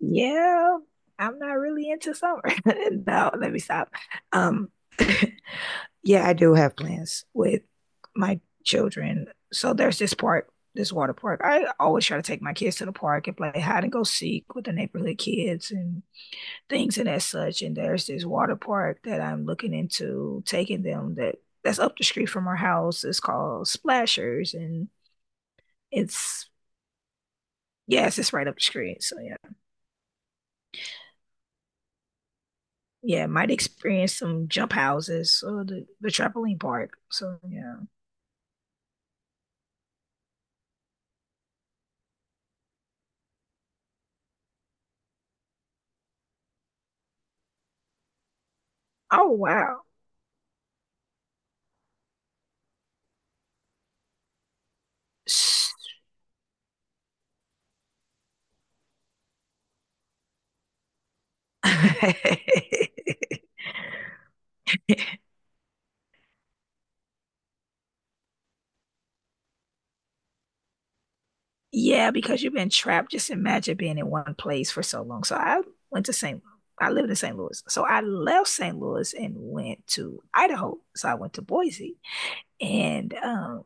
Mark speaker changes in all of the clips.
Speaker 1: Yeah, I'm not really into summer. No, let me stop. Um, yeah, I do have plans with my children. So there's this park, this water park. I always try to take my kids to the park and play hide and go seek with the neighborhood kids and things and as such. And there's this water park that I'm looking into taking them that's up the street from our house. It's called Splashers, and it's yes, it's right up the street. So yeah. Yeah, might experience some jump houses or the trampoline park. So yeah. Oh, wow. S- Yeah, because you've been trapped. Just imagine being in one place for so long. So I went to St. I lived in St. Louis. So I left St. Louis and went to Idaho. So I went to Boise. And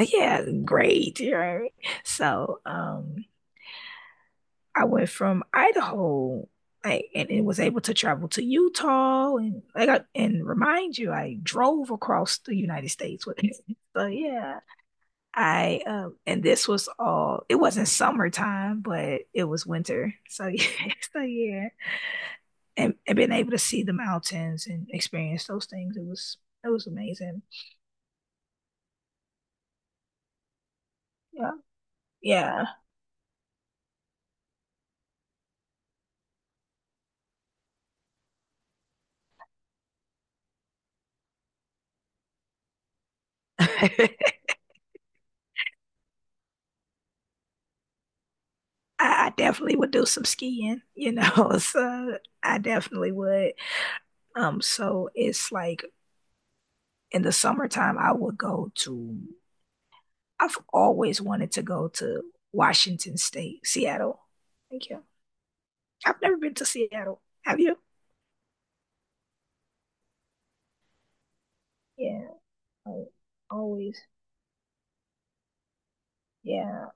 Speaker 1: yeah, great. Right. So I went from Idaho, like, and it was able to travel to Utah, and like, and remind you, I drove across the United States with it. So yeah, I and this was all. It wasn't summertime, but it was winter. So yeah, so yeah, and being able to see the mountains and experience those things, it was amazing. Yeah, yeah. I, I definitely would do some skiing. So I definitely would. So it's like in the summertime, I've always wanted to go to Washington State, Seattle. Thank you. I've never been to Seattle. Have you? Yeah, I always. Yeah,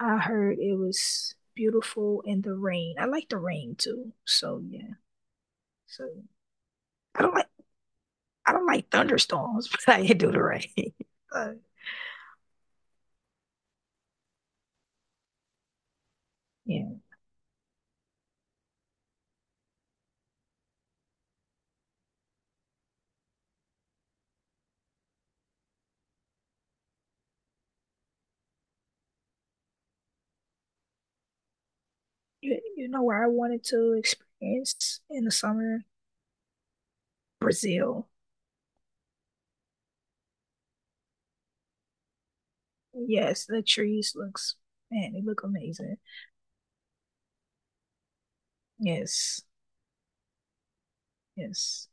Speaker 1: I heard it was beautiful in the rain. I like the rain too. So yeah. So I don't like I don't like thunderstorms, but I do the rain. But yeah, you know where I wanted to experience in the summer? Brazil. Yes, the trees looks, man, they look amazing. Yes, yes,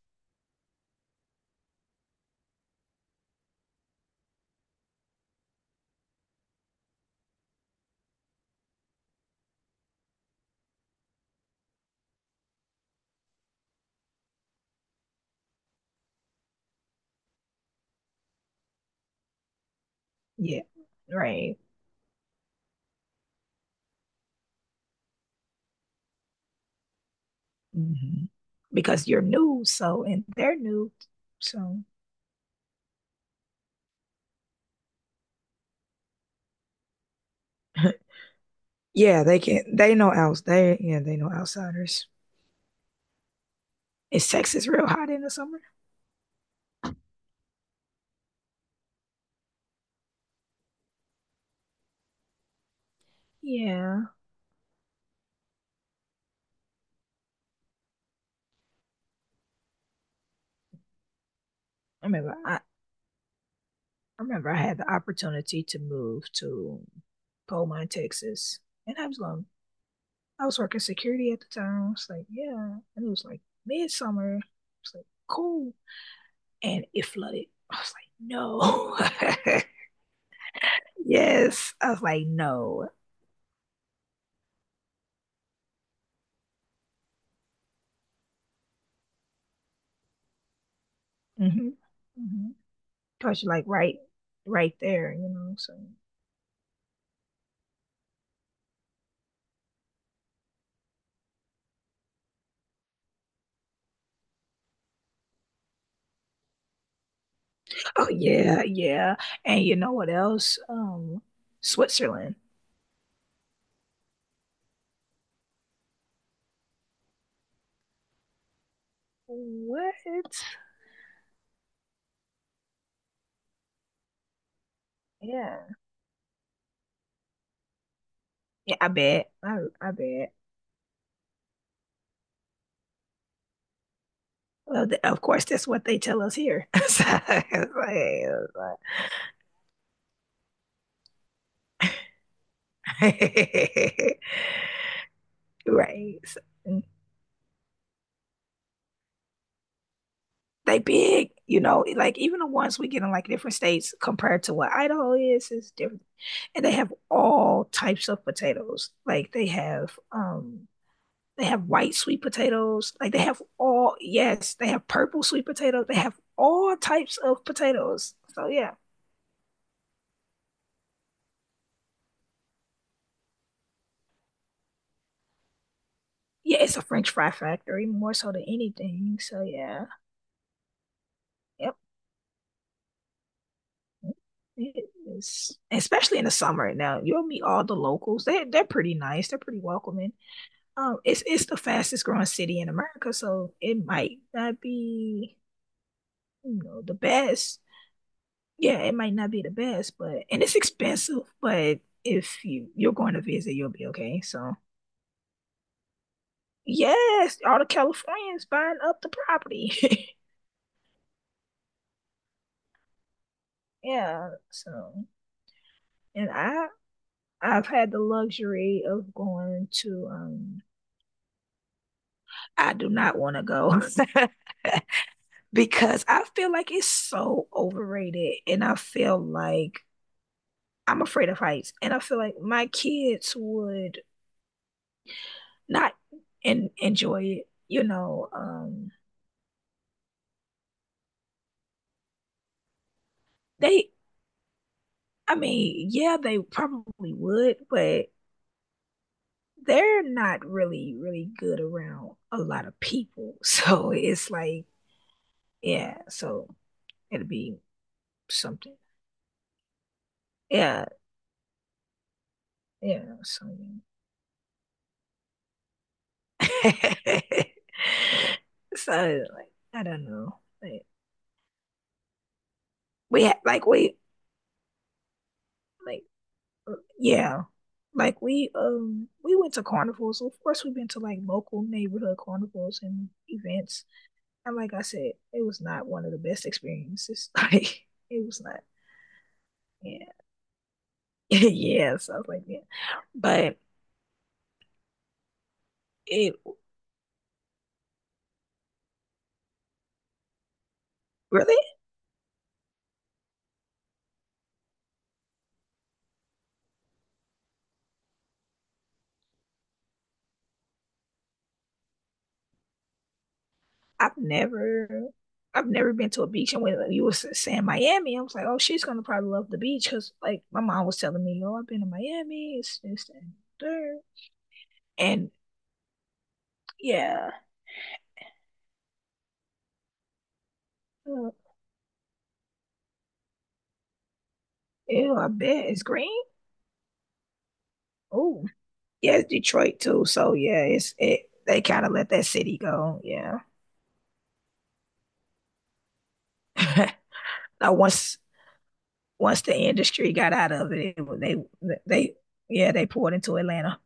Speaker 1: yeah, right. hmm Because you're new, so and they're new, so yeah, they can. They know outs. They Yeah, they know outsiders. Is Texas real hot in the summer? Yeah, I remember I had the opportunity to move to Beaumont, Texas, and I was going. I was working security at the time. I was like, yeah, and it was like midsummer. It's like cool, and it flooded. I was like, no. Yes. I was like, no. Mm-hmm. Mm-hmm. Cause you're like right there. So, oh yeah, yeah. And you know what else? Switzerland. What? Yeah. Yeah. I bet. I bet. Well, of course, that's what they tell us here. So, right. So, mm-hmm. They big, like even the ones we get in like different states compared to what Idaho is different. And they have all types of potatoes. Like they have white sweet potatoes. Like they have all Yes, they have purple sweet potatoes. They have all types of potatoes. So yeah. Yeah, it's a French fry factory more so than anything. So yeah. Yep. It is. Especially in the summer. Now you'll meet all the locals. They're pretty nice. They're pretty welcoming. It's the fastest growing city in America, so it might not be the best. Yeah, it might not be the best, but and it's expensive. But if you're going to visit, you'll be okay. So yes, all the Californians buying up the property. Yeah, so and I've had the luxury of going to. I do not want to go because I feel like it's so overrated and I feel like I'm afraid of heights, and I feel like my kids would not enjoy it. You know, they. I mean, yeah, they probably would, but they're not really, really good around a lot of people. So it's like, yeah, so it'll be something. Yeah, yeah, so yeah. So like, I don't know. Like, we ha- like we like yeah we went to carnivals. So of course we've been to like local neighborhood carnivals and events. And like I said, it was not one of the best experiences. Like it was not. Yeah. Yeah, so I was like, yeah. But it really I've never I've never been to a beach, and when you were saying Miami, I was like, "Oh, she's gonna probably love the beach," because like my mom was telling me, "Oh, I've been to Miami, it's this and there," and yeah, uh, ew, I bet it's green. Oh, yeah, it's Detroit too. So yeah, it's it. They kind of let that city go. Yeah. Now once the industry got out of it. It was- they they yeah they poured into Atlanta.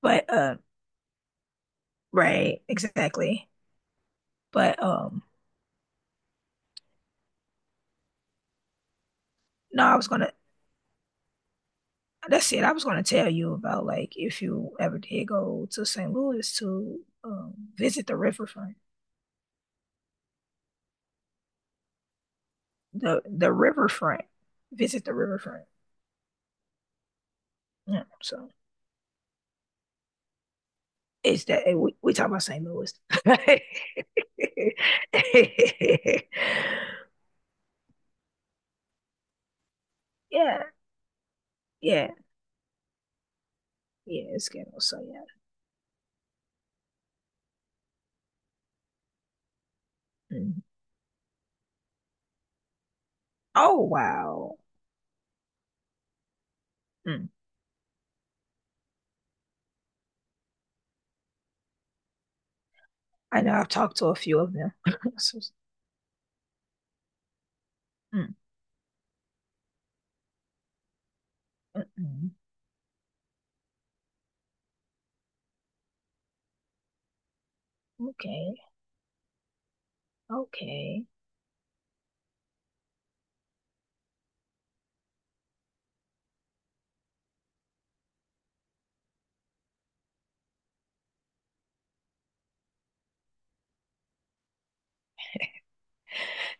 Speaker 1: But right, exactly. But No, I was gonna. That's it. I was gonna tell you about like if you ever did go to St. Louis to visit the riverfront, the riverfront, visit the riverfront. Yeah, so. It's that hey, we talk about St. Louis. Yeah, yeah, yeah. It's ghetto. So yeah. Mm. Oh, wow. Mm. I know I've talked to a few of them. So, mm, mm, mm. Okay, okay.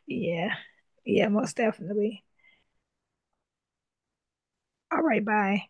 Speaker 1: Yeah, yeah. Most definitely. All right. Bye.